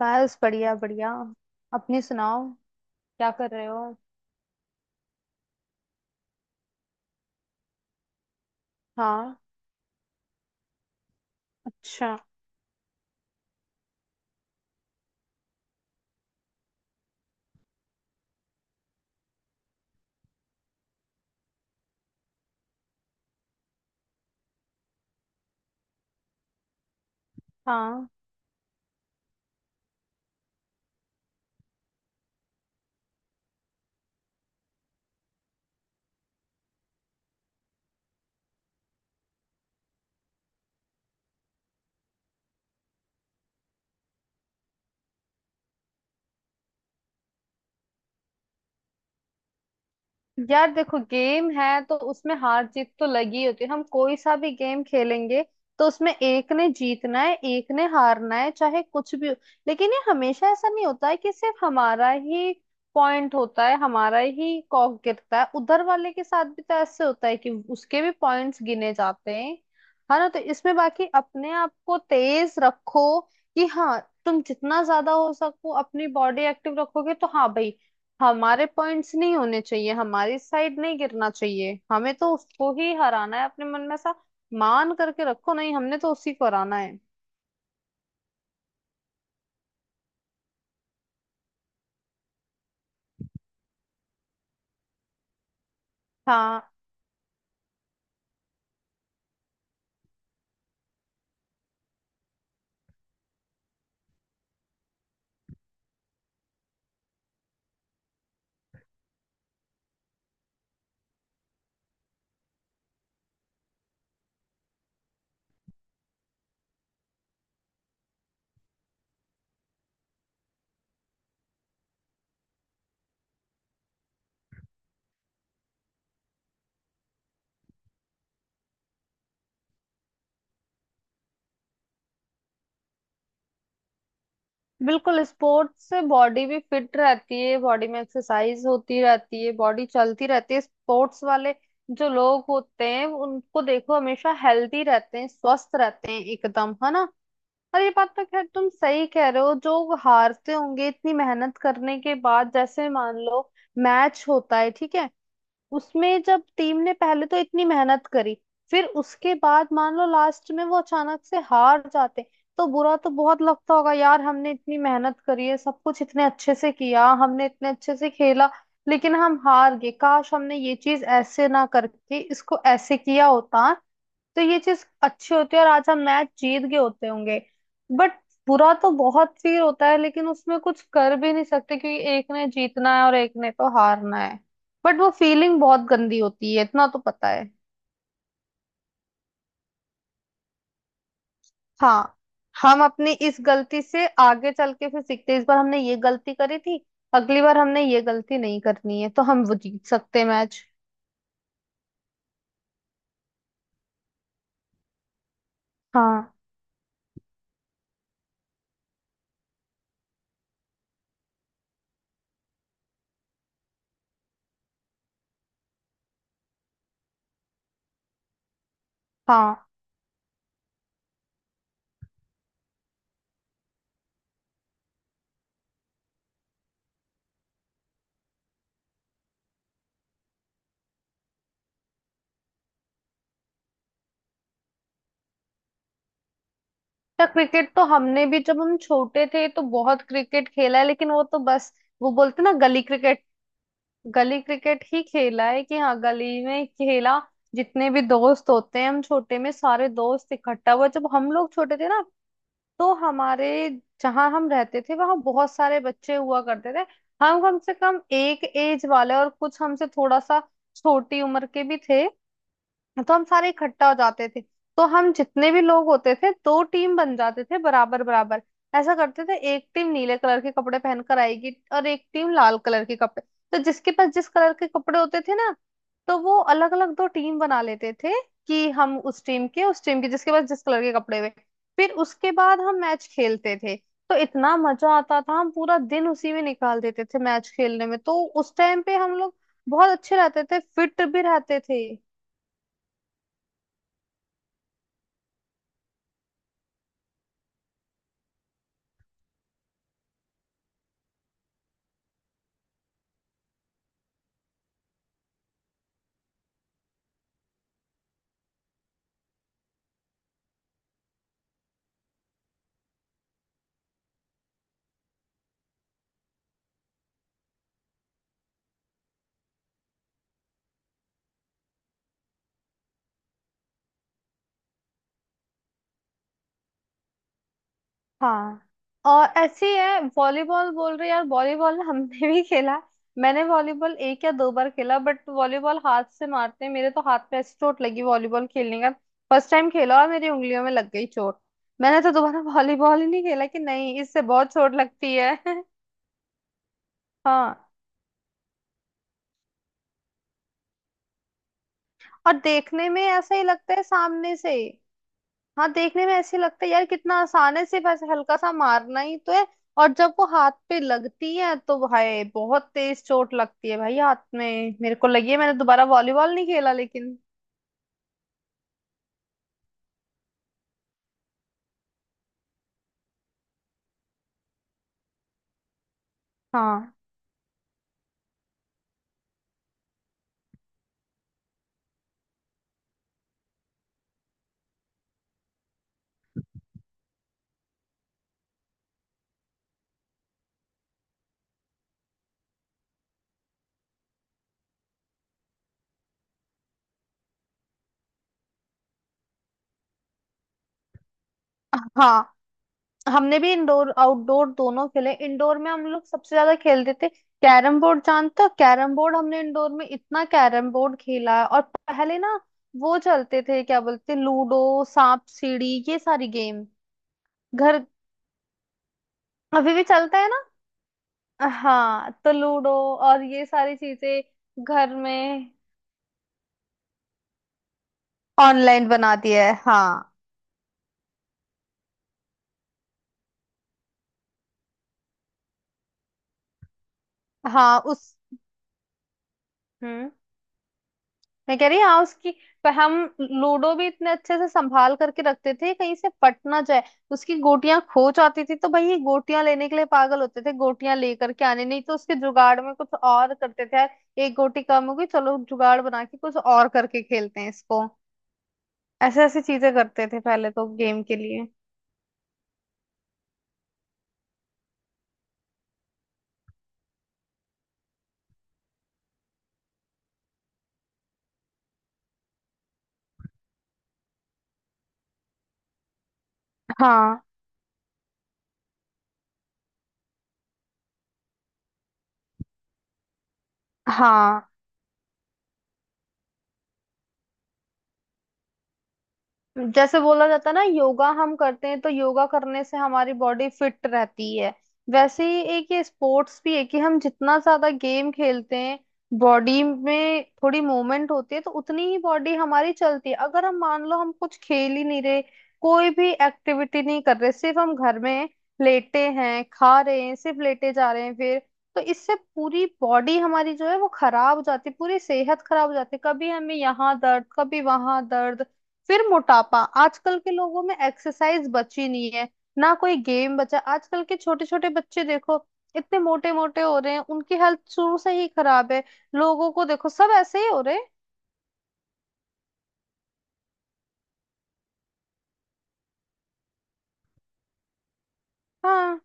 बस बढ़िया बढ़िया। अपनी सुनाओ। क्या कर रहे हो? हाँ। अच्छा। हाँ, यार देखो, गेम है तो उसमें हार जीत तो लगी होती है। हम कोई सा भी गेम खेलेंगे तो उसमें एक ने जीतना है एक ने हारना है, चाहे कुछ भी हो। लेकिन ये हमेशा ऐसा नहीं होता है कि सिर्फ हमारा ही पॉइंट होता है, हमारा ही कॉक गिरता है। उधर वाले के साथ भी तो ऐसे होता है कि उसके भी पॉइंट्स गिने जाते हैं, है ना। तो इसमें बाकी अपने आप को तेज रखो कि हाँ, तुम जितना ज्यादा हो सको अपनी बॉडी एक्टिव रखोगे तो हाँ भाई, हमारे पॉइंट्स नहीं होने चाहिए, हमारी साइड नहीं गिरना चाहिए, हमें तो उसको ही हराना है। अपने मन में ऐसा मान करके रखो, नहीं, हमने तो उसी को हराना है। हाँ, बिल्कुल। स्पोर्ट्स से बॉडी भी फिट रहती है, बॉडी में एक्सरसाइज होती रहती है, बॉडी चलती रहती है। स्पोर्ट्स वाले जो लोग होते हैं उनको देखो, हमेशा हेल्दी रहते हैं, स्वस्थ रहते हैं एकदम, है ना। और ये बात तो खैर तुम सही कह रहे हो, जो हारते होंगे इतनी मेहनत करने के बाद। जैसे मान लो मैच होता है, ठीक है, उसमें जब टीम ने पहले तो इतनी मेहनत करी, फिर उसके बाद मान लो लास्ट में वो अचानक से हार जाते, तो बुरा तो बहुत लगता होगा। यार हमने इतनी मेहनत करी है, सब कुछ इतने अच्छे से किया, हमने इतने अच्छे से खेला, लेकिन हम हार गए। काश हमने ये चीज ऐसे ना करके इसको ऐसे किया होता तो ये चीज अच्छी होती है, और आज हम मैच जीत गए होते होंगे। बट बुरा तो बहुत फील होता है, लेकिन उसमें कुछ कर भी नहीं सकते, क्योंकि एक ने जीतना है और एक ने तो हारना है। बट वो फीलिंग बहुत गंदी होती है, इतना तो पता है। हाँ, हम अपनी इस गलती से आगे चल के फिर सीखते हैं। इस बार हमने ये गलती करी थी, अगली बार हमने ये गलती नहीं करनी है, तो हम वो जीत सकते हैं मैच। हाँ हाँ। या क्रिकेट तो हमने भी, जब हम छोटे थे तो बहुत क्रिकेट खेला है, लेकिन वो तो बस वो बोलते ना गली क्रिकेट, गली क्रिकेट ही खेला है कि हाँ, गली में खेला। जितने भी दोस्त होते हैं, हम छोटे में सारे दोस्त इकट्ठा हुआ जब हम लोग छोटे थे ना, तो हमारे, जहाँ हम रहते थे वहाँ बहुत सारे बच्चे हुआ करते थे। हम कम से कम एक एज वाले, और कुछ हमसे थोड़ा सा छोटी उम्र के भी थे। तो हम सारे इकट्ठा हो जाते थे। तो हम जितने भी लोग होते थे, दो टीम बन जाते थे बराबर बराबर। ऐसा करते थे, एक टीम नीले कलर के कपड़े पहनकर आएगी और एक टीम लाल कलर के कपड़े। तो जिसके पास जिस कलर के कपड़े होते थे ना, तो वो अलग अलग दो टीम बना लेते थे कि हम उस टीम के, उस टीम के, जिसके पास जिस कलर के कपड़े हुए। फिर उसके बाद हम मैच खेलते थे। तो इतना मजा आता था, हम पूरा दिन उसी में निकाल देते थे मैच खेलने में। तो उस टाइम पे हम लोग बहुत अच्छे रहते थे, फिट भी रहते थे। हाँ, और ऐसी है वॉलीबॉल, बोल रहे यार वॉलीबॉल हमने भी खेला। मैंने वॉलीबॉल एक या दो बार खेला। बट वॉलीबॉल हाथ से मारते हैं, मेरे तो हाथ पे ऐसी चोट लगी वॉलीबॉल खेलने का। फर्स्ट टाइम खेला और मेरी उंगलियों में लग गई चोट। मैंने तो दोबारा वॉलीबॉल ही नहीं खेला कि नहीं, इससे बहुत चोट लगती है। हाँ, और देखने में ऐसा ही लगता है सामने से। हाँ, देखने में ऐसे लगता है यार, कितना आसान है, सिर्फ ऐसे हल्का सा मारना ही तो है। और जब वो हाथ पे लगती है तो भाई बहुत तेज चोट लगती है। भाई हाथ में मेरे को लगी है, मैंने दोबारा वॉलीबॉल नहीं खेला लेकिन। हाँ हाँ, हमने भी इंडोर आउटडोर दोनों खेले। इंडोर में हम लोग सबसे ज्यादा खेलते थे कैरम बोर्ड। जानते हो कैरम बोर्ड? हमने इंडोर में इतना कैरम बोर्ड खेला है। और पहले ना वो चलते थे क्या बोलते, लूडो, सांप सीढ़ी, ये सारी गेम। घर अभी भी चलता है ना। हाँ तो लूडो और ये सारी चीजें घर में। ऑनलाइन बना दी है, हाँ। हाँ, उस, हम्म, मैं कह रही हाँ उसकी, पर हम लूडो भी इतने अच्छे से संभाल करके रखते थे कहीं से पट ना जाए। उसकी गोटियां खो जाती थी, तो भाई ये गोटियां लेने के लिए पागल होते थे, गोटियां लेकर के आने, नहीं तो उसके जुगाड़ में कुछ और करते थे यार। एक गोटी कम हो गई, चलो जुगाड़ बना के कुछ और करके खेलते हैं इसको। ऐसे ऐसी चीजें करते थे पहले तो गेम के लिए। हाँ हाँ, जैसे बोला जाता है ना, योगा हम करते हैं तो योगा करने से हमारी बॉडी फिट रहती है। वैसे ही एक ये स्पोर्ट्स भी है कि हम जितना ज्यादा गेम खेलते हैं, बॉडी में थोड़ी मूवमेंट होती है, तो उतनी ही बॉडी हमारी चलती है। अगर हम मान लो हम कुछ खेल ही नहीं रहे, कोई भी एक्टिविटी नहीं कर रहे, सिर्फ हम घर में लेटे हैं, खा रहे हैं, सिर्फ लेटे जा रहे हैं, फिर तो इससे पूरी बॉडी हमारी जो है वो खराब हो जाती है, पूरी सेहत खराब हो जाती है। कभी हमें यहाँ दर्द, कभी वहां दर्द, फिर मोटापा। आजकल के लोगों में एक्सरसाइज बची नहीं है, ना कोई गेम बचा। आजकल के छोटे छोटे बच्चे देखो, इतने मोटे मोटे हो रहे हैं, उनकी हेल्थ शुरू से ही खराब है। लोगों को देखो, सब ऐसे ही हो रहे हैं। हाँ,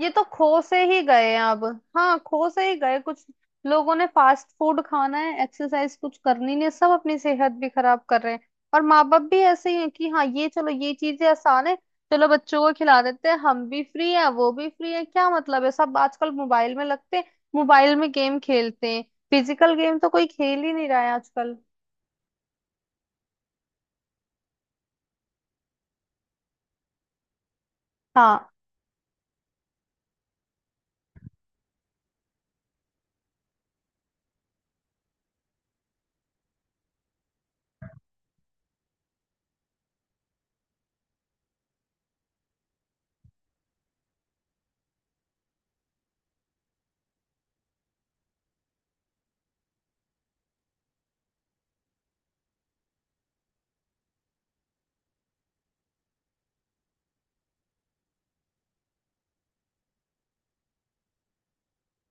ये तो खो से ही गए हैं अब। हाँ, खो से ही गए कुछ। लोगों ने फास्ट फूड खाना है, एक्सरसाइज कुछ करनी नहीं है, सब अपनी सेहत भी खराब कर रहे हैं। और माँ बाप भी ऐसे ही हैं कि हाँ, ये चलो ये चीजें आसान है, चलो बच्चों को खिला देते हैं, हम भी फ्री है वो भी फ्री है, क्या मतलब है। सब आजकल मोबाइल में लगते हैं, मोबाइल में गेम खेलते हैं, फिजिकल गेम तो कोई खेल ही नहीं रहा है आजकल। हाँ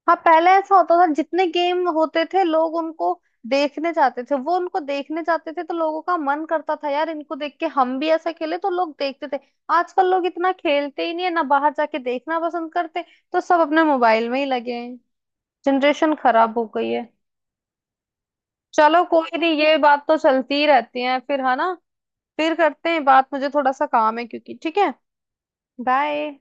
हाँ, पहले ऐसा होता था जितने गेम होते थे लोग उनको देखने जाते थे, वो उनको देखने जाते थे तो लोगों का मन करता था यार इनको देख के हम भी ऐसा खेले, तो लोग देखते थे। आजकल लोग इतना खेलते ही नहीं है ना बाहर जाके, देखना पसंद करते, तो सब अपने मोबाइल में ही लगे हैं। जनरेशन खराब हो गई है। चलो कोई नहीं, ये बात तो चलती ही रहती है, फिर है ना। फिर करते हैं बात, मुझे थोड़ा सा काम है क्योंकि, ठीक है। बाय।